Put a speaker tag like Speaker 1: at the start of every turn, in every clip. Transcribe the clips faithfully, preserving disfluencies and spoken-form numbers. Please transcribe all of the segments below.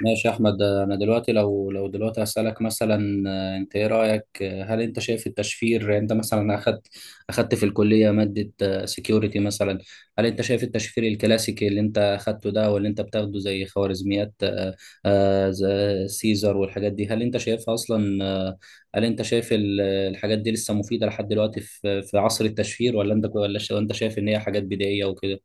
Speaker 1: ماشي يا احمد. انا دلوقتي لو لو دلوقتي هسألك مثلا، آه، انت ايه رأيك؟ آه، هل انت شايف التشفير، يعني انت مثلا اخدت اخدت في الكلية مادة سكيورتي مثلا؟ هل انت شايف التشفير الكلاسيكي اللي انت اخدته ده واللي انت بتاخده زي خوارزميات، آه، آه، زي سيزر والحاجات دي، هل انت شايفها اصلا آه، هل انت شايف ال- الحاجات دي لسه مفيدة لحد دلوقتي في في عصر التشفير؟ ولا انت، ولا انت شايف ان هي حاجات بدائية وكده؟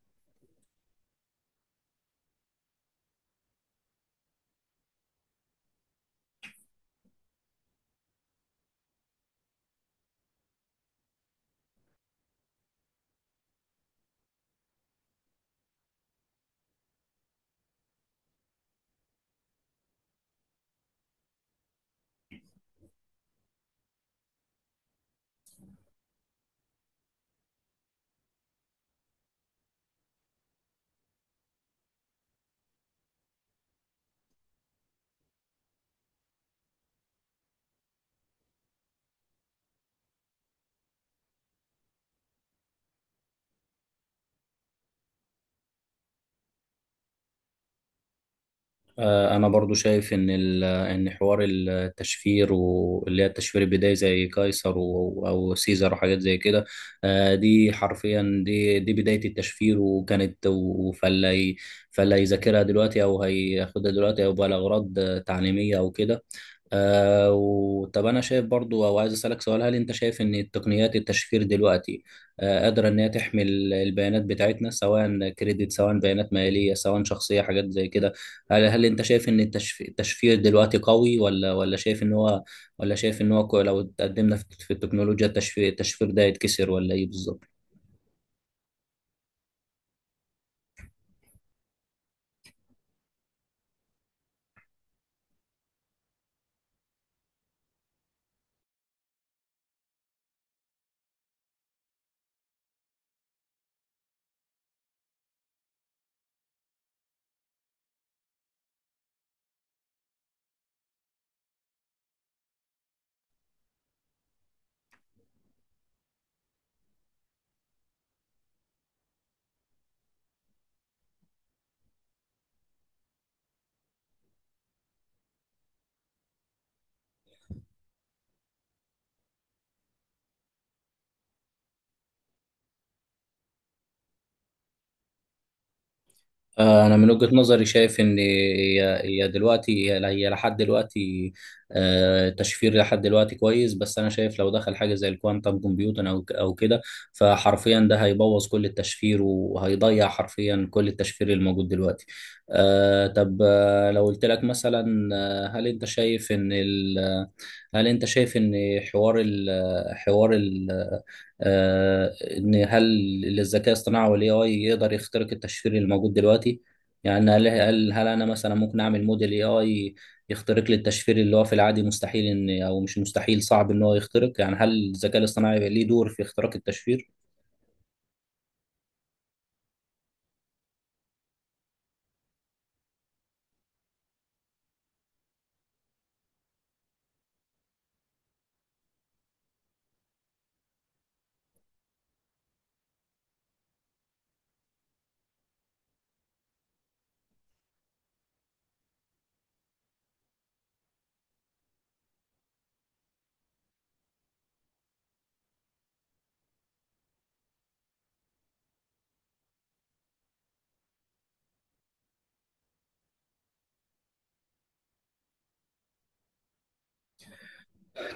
Speaker 1: آه، انا برضو شايف ان ال- ان حوار التشفير، واللي هي التشفير البدائي زي قيصر و- او سيزر وحاجات زي كده، آه، دي حرفيا دي دي بدايه التشفير وكانت و- فاللي هي- فاللي هيذاكرها دلوقتي او هياخدها دلوقتي او بقى لاغراض آه، تعليميه او كده. آه، وطب انا شايف برضو، او عايز اسالك سؤال، هل انت شايف ان تقنيات التشفير دلوقتي آه، قادره ان هي تحمي ال- البيانات بتاعتنا، سواء كريدت، سواء بيانات ماليه، سواء شخصيه، حاجات زي كده؟ هل هل انت شايف ان التشف- التشفير دلوقتي قوي، ولا ولا شايف ان هو، ولا شايف ان هو كو- لو اتقدمنا في في التكنولوجيا، التشفير التشفير ده يتكسر، ولا ايه بالظبط؟ آه، أنا من وجهة نظري شايف إن هي هي دلوقتي، هي هي لحد دلوقتي، آه، تشفير لحد دلوقتي كويس، بس أنا شايف لو دخل حاجة زي الكوانتم كومبيوتر أو ك- أو كده، فحرفيا ده هيبوظ كل التشفير وهيضيع حرفيا كل التشفير الموجود دلوقتي. آه، طب، آه، لو قلت لك مثلا، آه، هل أنت شايف إن ال- هل أنت شايف إن حوار ال حوار ال آه، ان هل الذكاء الاصطناعي والاي اي يقدر يخترق التشفير الموجود دلوقتي؟ يعني هل هل هل انا مثلا ممكن اعمل موديل اي اي يخترق لي التشفير اللي هو في العادي مستحيل ان، او مش مستحيل، صعب ان هو يخترق؟ يعني هل الذكاء الاصطناعي ليه دور في اختراق التشفير؟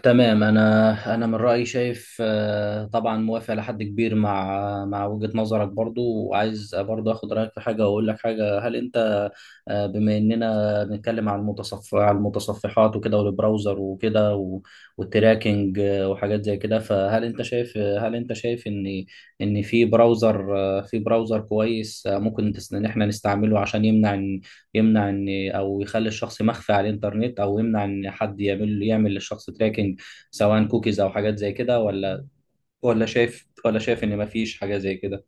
Speaker 1: تمام. انا انا من رايي شايف، آه، طبعا موافق لحد كبير مع مع وجهه نظرك برضو، وعايز برضو اخد رايك في حاجه واقول لك حاجه. هل انت، آه، بما اننا بنتكلم عن المتصف عن المتصفحات وكده والبراوزر وكده و- والتراكنج آه، وحاجات زي كده، فهل انت شايف هل انت شايف ان ان في براوزر، آه، في براوزر كويس آه، ممكن تس- ان احنا نستعمله عشان يمنع إن- يمنع ان، او يخلي الشخص مخفي على الانترنت، او يمنع ان حد يعمل يعمل للشخص تراكنج سواء كوكيز او حاجات زي كده، ولا ولا شايف ولا شايف ان مفيش حاجة زي كده؟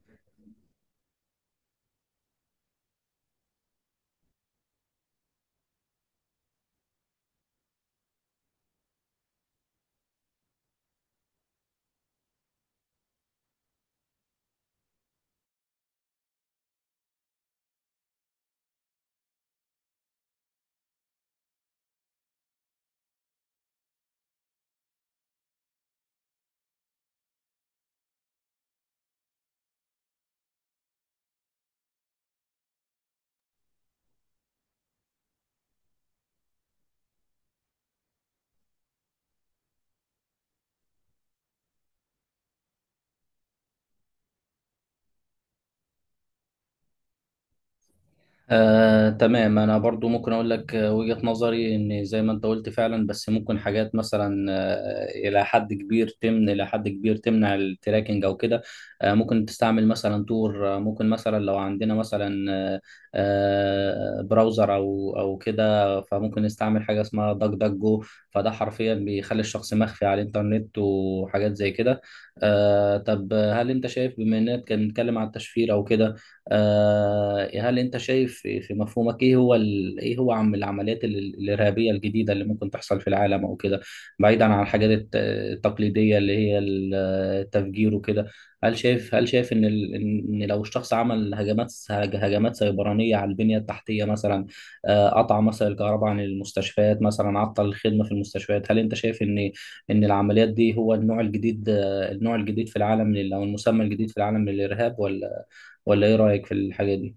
Speaker 1: آه، تمام، انا برضو ممكن اقول لك آه، وجهة نظري ان زي ما انت قلت فعلا، بس ممكن حاجات مثلا آه، الى حد كبير تمن الى حد كبير تمنع التراكنج او كده. آه، ممكن تستعمل مثلا تور، آه، ممكن مثلا لو عندنا مثلا، آه، آه، براوزر او او كده، فممكن نستعمل حاجة اسمها داك داك جو، فده حرفيا بيخلي الشخص مخفي على الانترنت وحاجات زي كده. آه، طب هل انت شايف، بما اننا بنتكلم على التشفير او كده، آه، هل انت شايف في في مفهومك ايه هو، ال... ايه هو عم العمليات ال- الارهابيه الجديده اللي ممكن تحصل في العالم او كده، بعيدا عن الحاجات الت- التقليديه اللي هي ال- التفجير وكده؟ هل شايف هل شايف ان، ال... ان لو الشخص عمل هجمات هج- هجمات سيبرانيه على البنيه التحتيه مثلا، آه، قطع مثلا الكهرباء عن المستشفيات مثلا، عطل الخدمه في المستشفيات، هل انت شايف ان ان العمليات دي هو النوع الجديد، آه، النوع الجديد في العالم لل- او المسمى الجديد في العالم للارهاب، ولا ولا ايه رأيك في الحاجة دي؟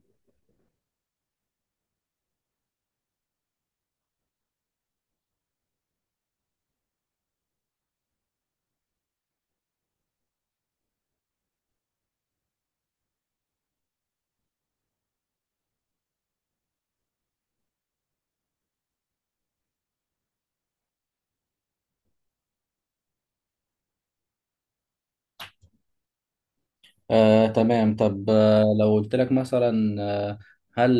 Speaker 1: آه، تمام. طب آه، لو قلت لك مثلا، آه، هل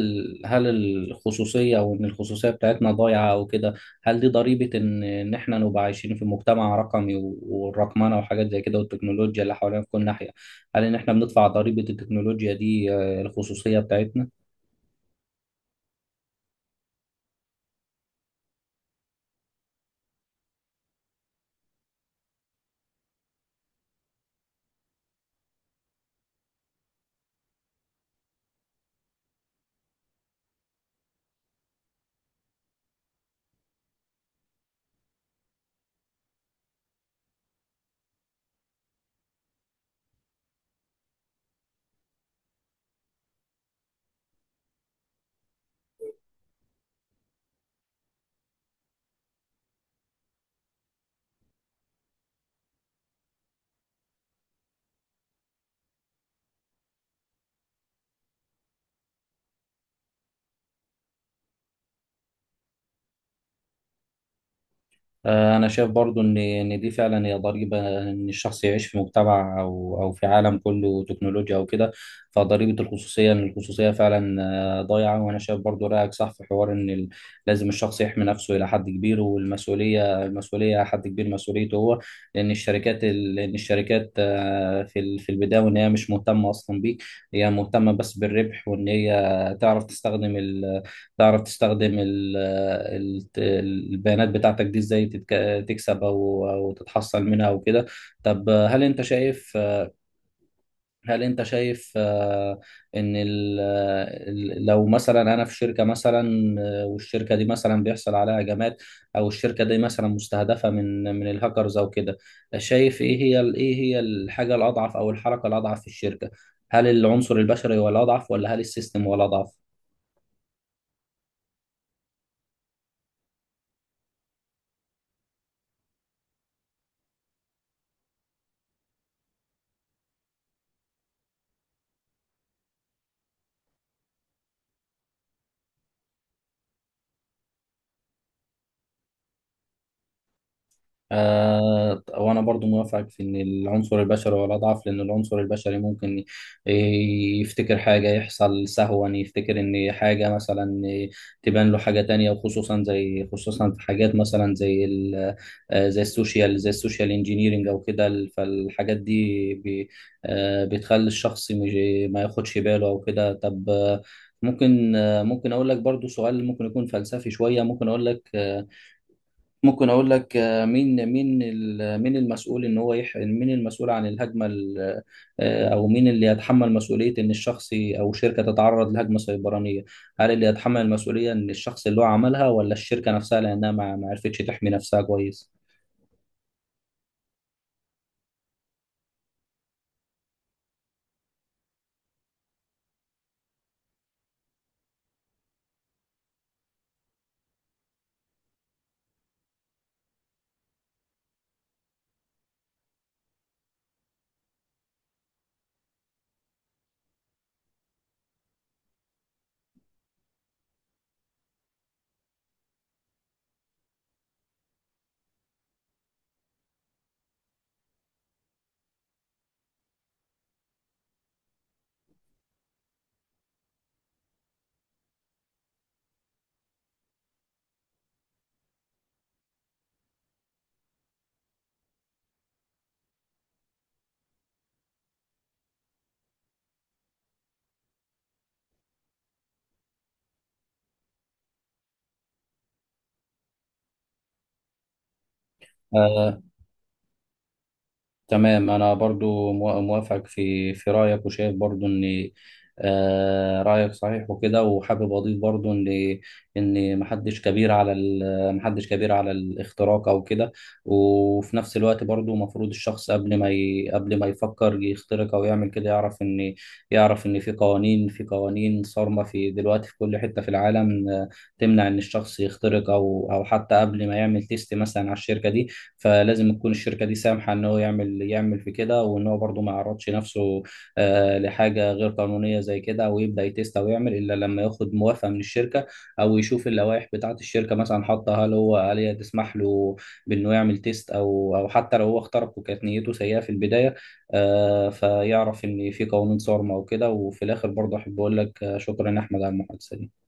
Speaker 1: هل الخصوصية، او ان الخصوصية بتاعتنا ضايعة او كده، هل دي ضريبة ان ان احنا نبقى عايشين في مجتمع رقمي و- والرقمنة وحاجات زي كده والتكنولوجيا اللي حوالينا في كل ناحية؟ هل ان احنا بندفع ضريبة التكنولوجيا دي آه، الخصوصية بتاعتنا؟ آه، أنا شايف برضو إن إن دي فعلا هي ضريبة إن الشخص يعيش في مجتمع أو أو في عالم كله تكنولوجيا أو كده. فضريبة الخصوصية إن الخصوصية فعلا آه، ضايعة. وأنا شايف برضو رأيك صح في حوار إن ال- لازم الشخص يحمي نفسه إلى حد كبير، والمسؤولية، المسؤولية حد كبير مسؤوليته هو، لأن الشركات ال- لأن الشركات آه، في ال- في البداية وإن هي مش مهتمة أصلا بيك، هي مهتمة بس بالربح وإن هي تعرف تستخدم، تعرف تستخدم ال- ال- البيانات بتاعتك دي ازاي تتك- تكسب او او تتحصل منها وكده. طب هل انت شايف، هل انت شايف آه، ان ال- ال- لو مثلا انا في شركة مثلا، آه، والشركة دي مثلا بيحصل عليها هجمات، او الشركة دي مثلا مستهدفة من من الهاكرز او كده، شايف ايه هي ال- ايه هي الحاجة الاضعف او الحركة الاضعف في الشركة؟ هل العنصر البشري هو الاضعف، ولا هل السيستم هو الاضعف؟ آه، وانا برضو موافقك في ان العنصر البشري هو الاضعف، لان العنصر البشري ممكن ي- يفتكر حاجه، يحصل سهوا، يفتكر ان حاجه مثلا تبان له حاجه تانية، وخصوصا زي، خصوصا في حاجات مثلا زي ال آه، زي السوشيال، زي السوشيال انجينيرنج او كده ال- فالحاجات دي بي آه، بتخلي الشخص مش- ما ياخدش باله او كده. طب، آه، ممكن، آه، ممكن اقول لك برضو سؤال ممكن يكون فلسفي شويه، ممكن اقول لك، ممكن اقول لك آه، مين، مين ال- مين المسؤول ان هو يح... مين المسؤول عن الهجمه ال- آه، او مين اللي يتحمل مسؤوليه ان الشخص ي- او شركه تتعرض لهجمه سيبرانيه؟ هل اللي يتحمل المسؤوليه ان الشخص اللي هو عملها، ولا الشركه نفسها لانها ما ما عرفتش تحمي نفسها كويس؟ آه، تمام. انا برضو مو- موافق في في رايك، وشايف برضو ان آه، رايك صحيح وكده. وحابب اضيف برضو ان ان محدش كبير على ال- محدش كبير على الاختراق او كده، وفي نفس الوقت برضو المفروض الشخص قبل ما ي... قبل ما يفكر يخترق او يعمل كده يعرف ان، يعرف ان في قوانين، في قوانين صارمة في دلوقتي في كل حتة في العالم، آه، تمنع ان الشخص يخترق، او او حتى قبل ما يعمل تيست مثلا على الشركة دي، فلازم تكون الشركه دي سامحه ان هو يعمل، يعمل في كده، وان هو برضه ما يعرضش نفسه آه، لحاجه غير قانونيه زي كده، او يبدا يتست او يعمل الا لما ياخد موافقه من الشركه، او يشوف اللوائح بتاعه الشركه مثلا حاطه، هل هو، هل هي تسمح له بانه يعمل تيست، او او حتى لو هو اخترق وكانت نيته سيئه في البدايه، آه، فيعرف ان في قوانين صارمه وكده. وفي الاخر برضه احب اقول لك آه، شكرا يا احمد على المحادثه دي.